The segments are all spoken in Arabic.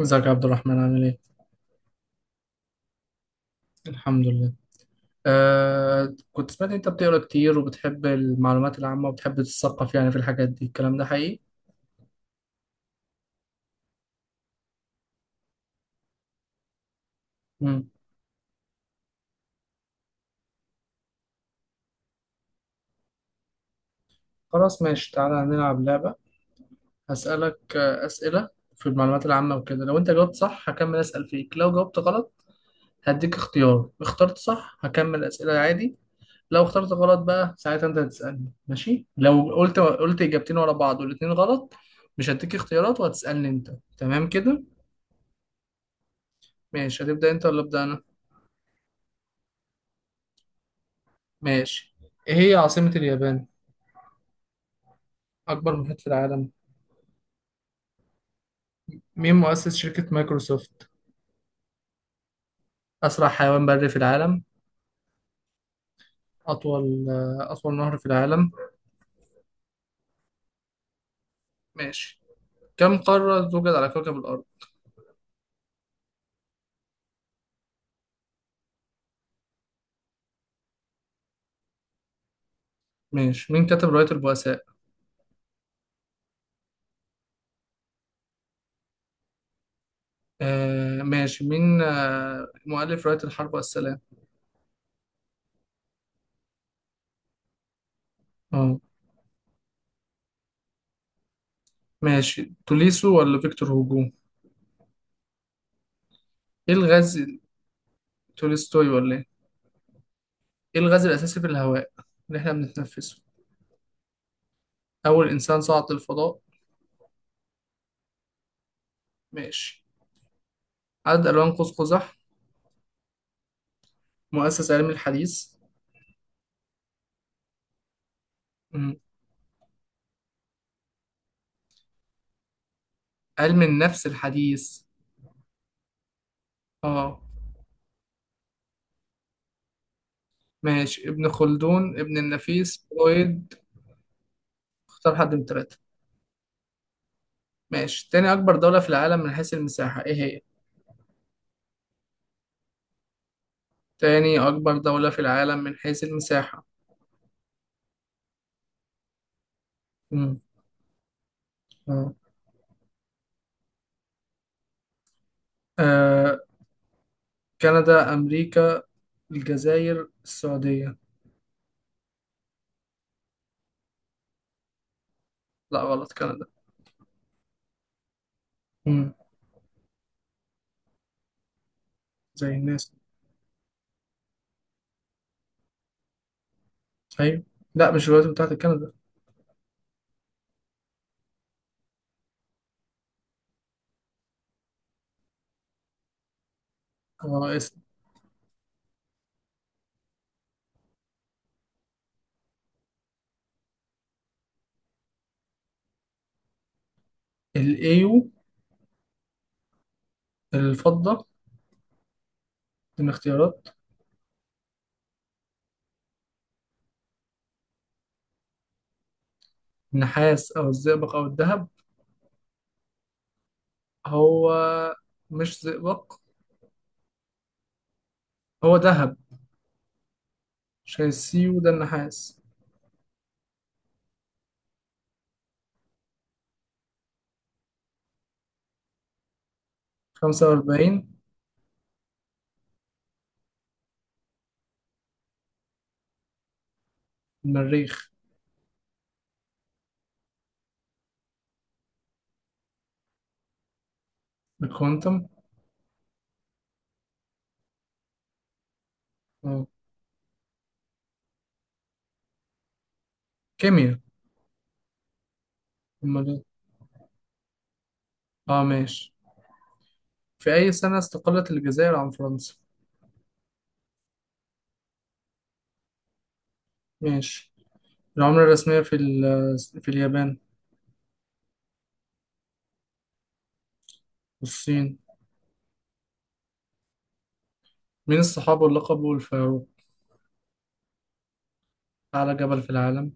ازيك يا عبد الرحمن؟ عامل ايه؟ الحمد لله. كنت سمعت إن انت بتقرا كتير وبتحب المعلومات العامة وبتحب تتثقف يعني في الحاجات دي، الكلام ده حقيقي؟ مم. خلاص ماشي، تعالى هنلعب لعبة. هسألك أسئلة في المعلومات العامة وكده. لو انت جاوبت صح هكمل أسأل فيك، لو جاوبت غلط هديك اختيار. اخترت صح هكمل أسئلة عادي، لو اخترت غلط بقى ساعتها انت هتسألني، ماشي؟ لو قلت إجابتين ورا بعض والاتنين غلط مش هديك اختيارات وهتسألني انت. تمام كده؟ ماشي، هتبدأ انت ولا أبدأ أنا؟ ماشي. ايه هي عاصمة اليابان؟ اكبر محيط في العالم؟ مين مؤسس شركة مايكروسوفت؟ اسرع حيوان بري في العالم؟ اطول نهر في العالم؟ ماشي. كم قارة توجد على كوكب الارض؟ ماشي. مين كتب رواية البؤساء؟ آه، ماشي. مين مؤلف رواية الحرب والسلام؟ اه، ماشي. توليسو ولا فيكتور هوجو؟ ايه الغاز. تولستوي ولا ايه؟ ايه الغاز الاساسي في الهواء اللي احنا بنتنفسه؟ اول انسان صعد للفضاء؟ ماشي. عدد الوان قوس قزح؟ مؤسس علم الحديث؟ مم. علم النفس الحديث؟ اه، ماشي. ابن خلدون، ابن النفيس، فرويد. اختار حد من التلاتة. ماشي. تاني أكبر دولة في العالم من حيث المساحة، ايه هي؟ تاني أكبر دولة في العالم من حيث المساحة؟ مم. اه. آه، كندا، أمريكا، الجزائر، السعودية. لا غلط، كندا. مم. زي الناس. أيوة. لا مش الولايات المتحدة، كندا. هو اسم الأيو؟ الفضة؟ من اختيارات؟ النحاس أو الزئبق أو الذهب؟ هو مش زئبق، هو ذهب. شايسيو ده النحاس. 45. المريخ. الكوانتم. اه. كيمياء. امال ايه؟ اه، ماشي. في أي سنة استقلت الجزائر عن فرنسا؟ ماشي. العملة الرسمية في ال، في اليابان؟ والصين؟ مين الصحابي اللي لقبه الفاروق؟ أعلى جبل في العالم؟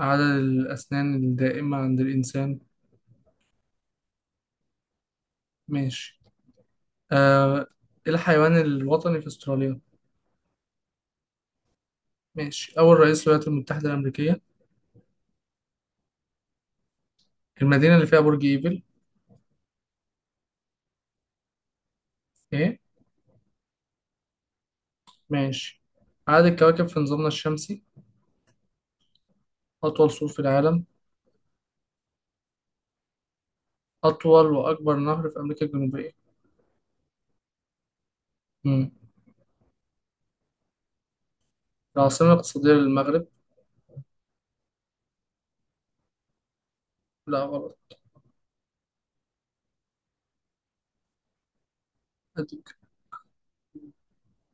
عدد الأسنان الدائمة عند الإنسان؟ ماشي. آه، إيه الحيوان الوطني في أستراليا؟ ماشي. أول رئيس للولايات المتحدة الأمريكية؟ المدينة اللي فيها برج إيفل؟ إيه؟ ماشي. عدد الكواكب في نظامنا الشمسي؟ أطول سور في العالم؟ أطول وأكبر نهر في أمريكا الجنوبية؟ مم. العاصمة الاقتصادية للمغرب؟ لا غلط. أديك.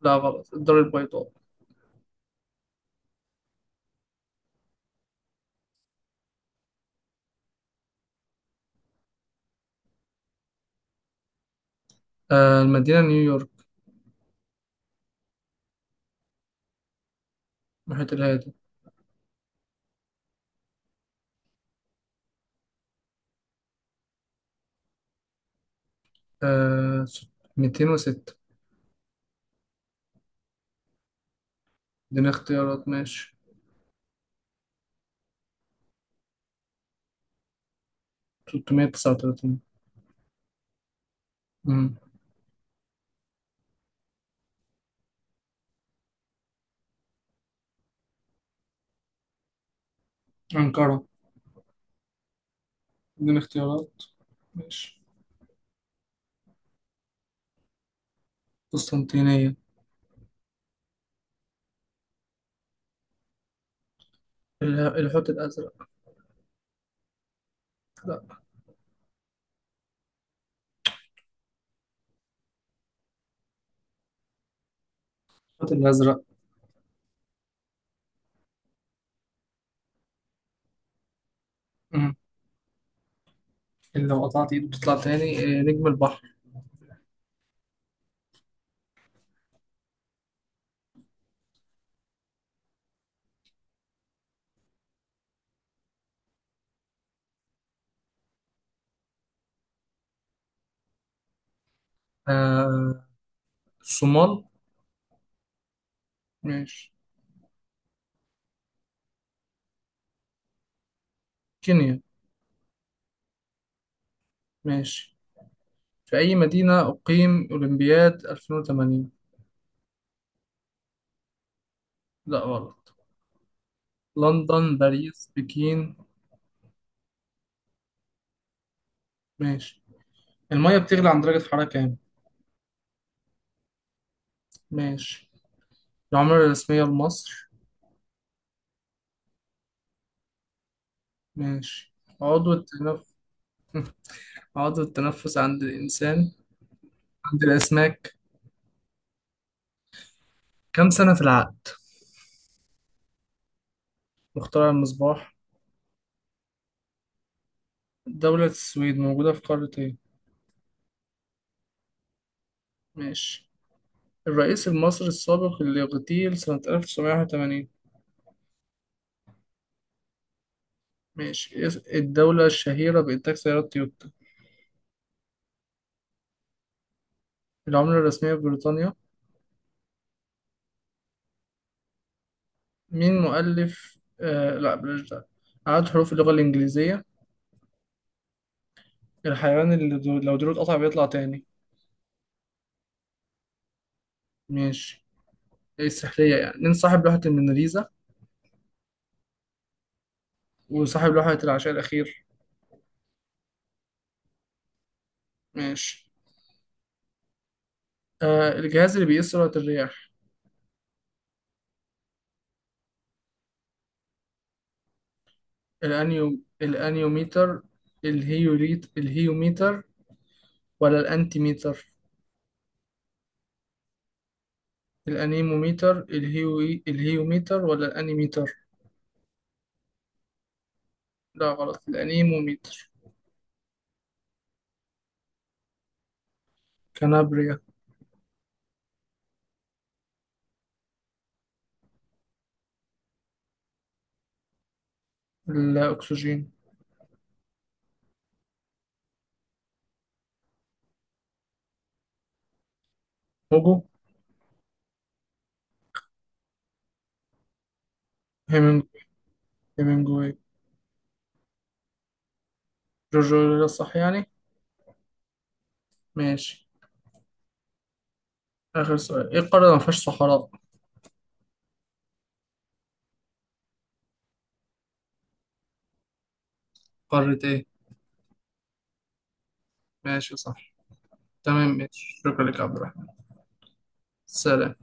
لا غلط، الدار البيضاء. آه، المدينة نيويورك. محيط الهادي. آه ست- 206. اديني اختيارات، ماشي. 339. مم. أنقرة. اديني اختيارات، ماشي. قسطنطينية. الحوت الأزرق. لا. الحوت الأزرق. اللي لو قطعت ايده بتطلع تاني؟ آه، نجم البحر. آه، الصومال. ماشي. كينيا. ماشي. في أي مدينة أقيم أولمبياد 2008؟ لا غلط. لندن، باريس، بكين. ماشي. المية بتغلي عند درجة حرارة كام؟ ماشي. العملة الرسمية لمصر؟ ماشي. عضو التنفس. عضو التنفس عند الإنسان؟ عند الأسماك؟ كم سنة في العقد؟ مخترع المصباح؟ دولة السويد موجودة في قارة إيه؟ ماشي. الرئيس المصري السابق اللي اغتيل سنة 1981؟ ماشي. الدولة الشهيرة بإنتاج سيارات تويوتا؟ العملة الرسمية في بريطانيا؟ مين مؤلف لا بلاش ده. عدد حروف اللغة الإنجليزية؟ الحيوان اللي لو ديله اتقطع بيطلع تاني؟ ماشي. إيه السحرية يعني، مين صاحب لوحة الموناليزا؟ وصاحب لوحة العشاء الأخير؟ ماشي. آه، الجهاز اللي بيقيس سرعة الرياح؟ الأنيوميتر، الهيوميتر، ولا الأنتيميتر؟ الانيموميتر، الهيوميتر، ولا الانيميتر؟ لا غلط، الانيموميتر. كنابريا. الاكسجين. هوجو. هيمنج هيمنجواي. جورجو ده صح يعني. ماشي. اخر سؤال، ايه القارة اللي ما فيهاش صحراء؟ قارة ايه؟ ماشي، صح. تمام، ماشي. شكرا لك يا عبد الرحمن. سلام.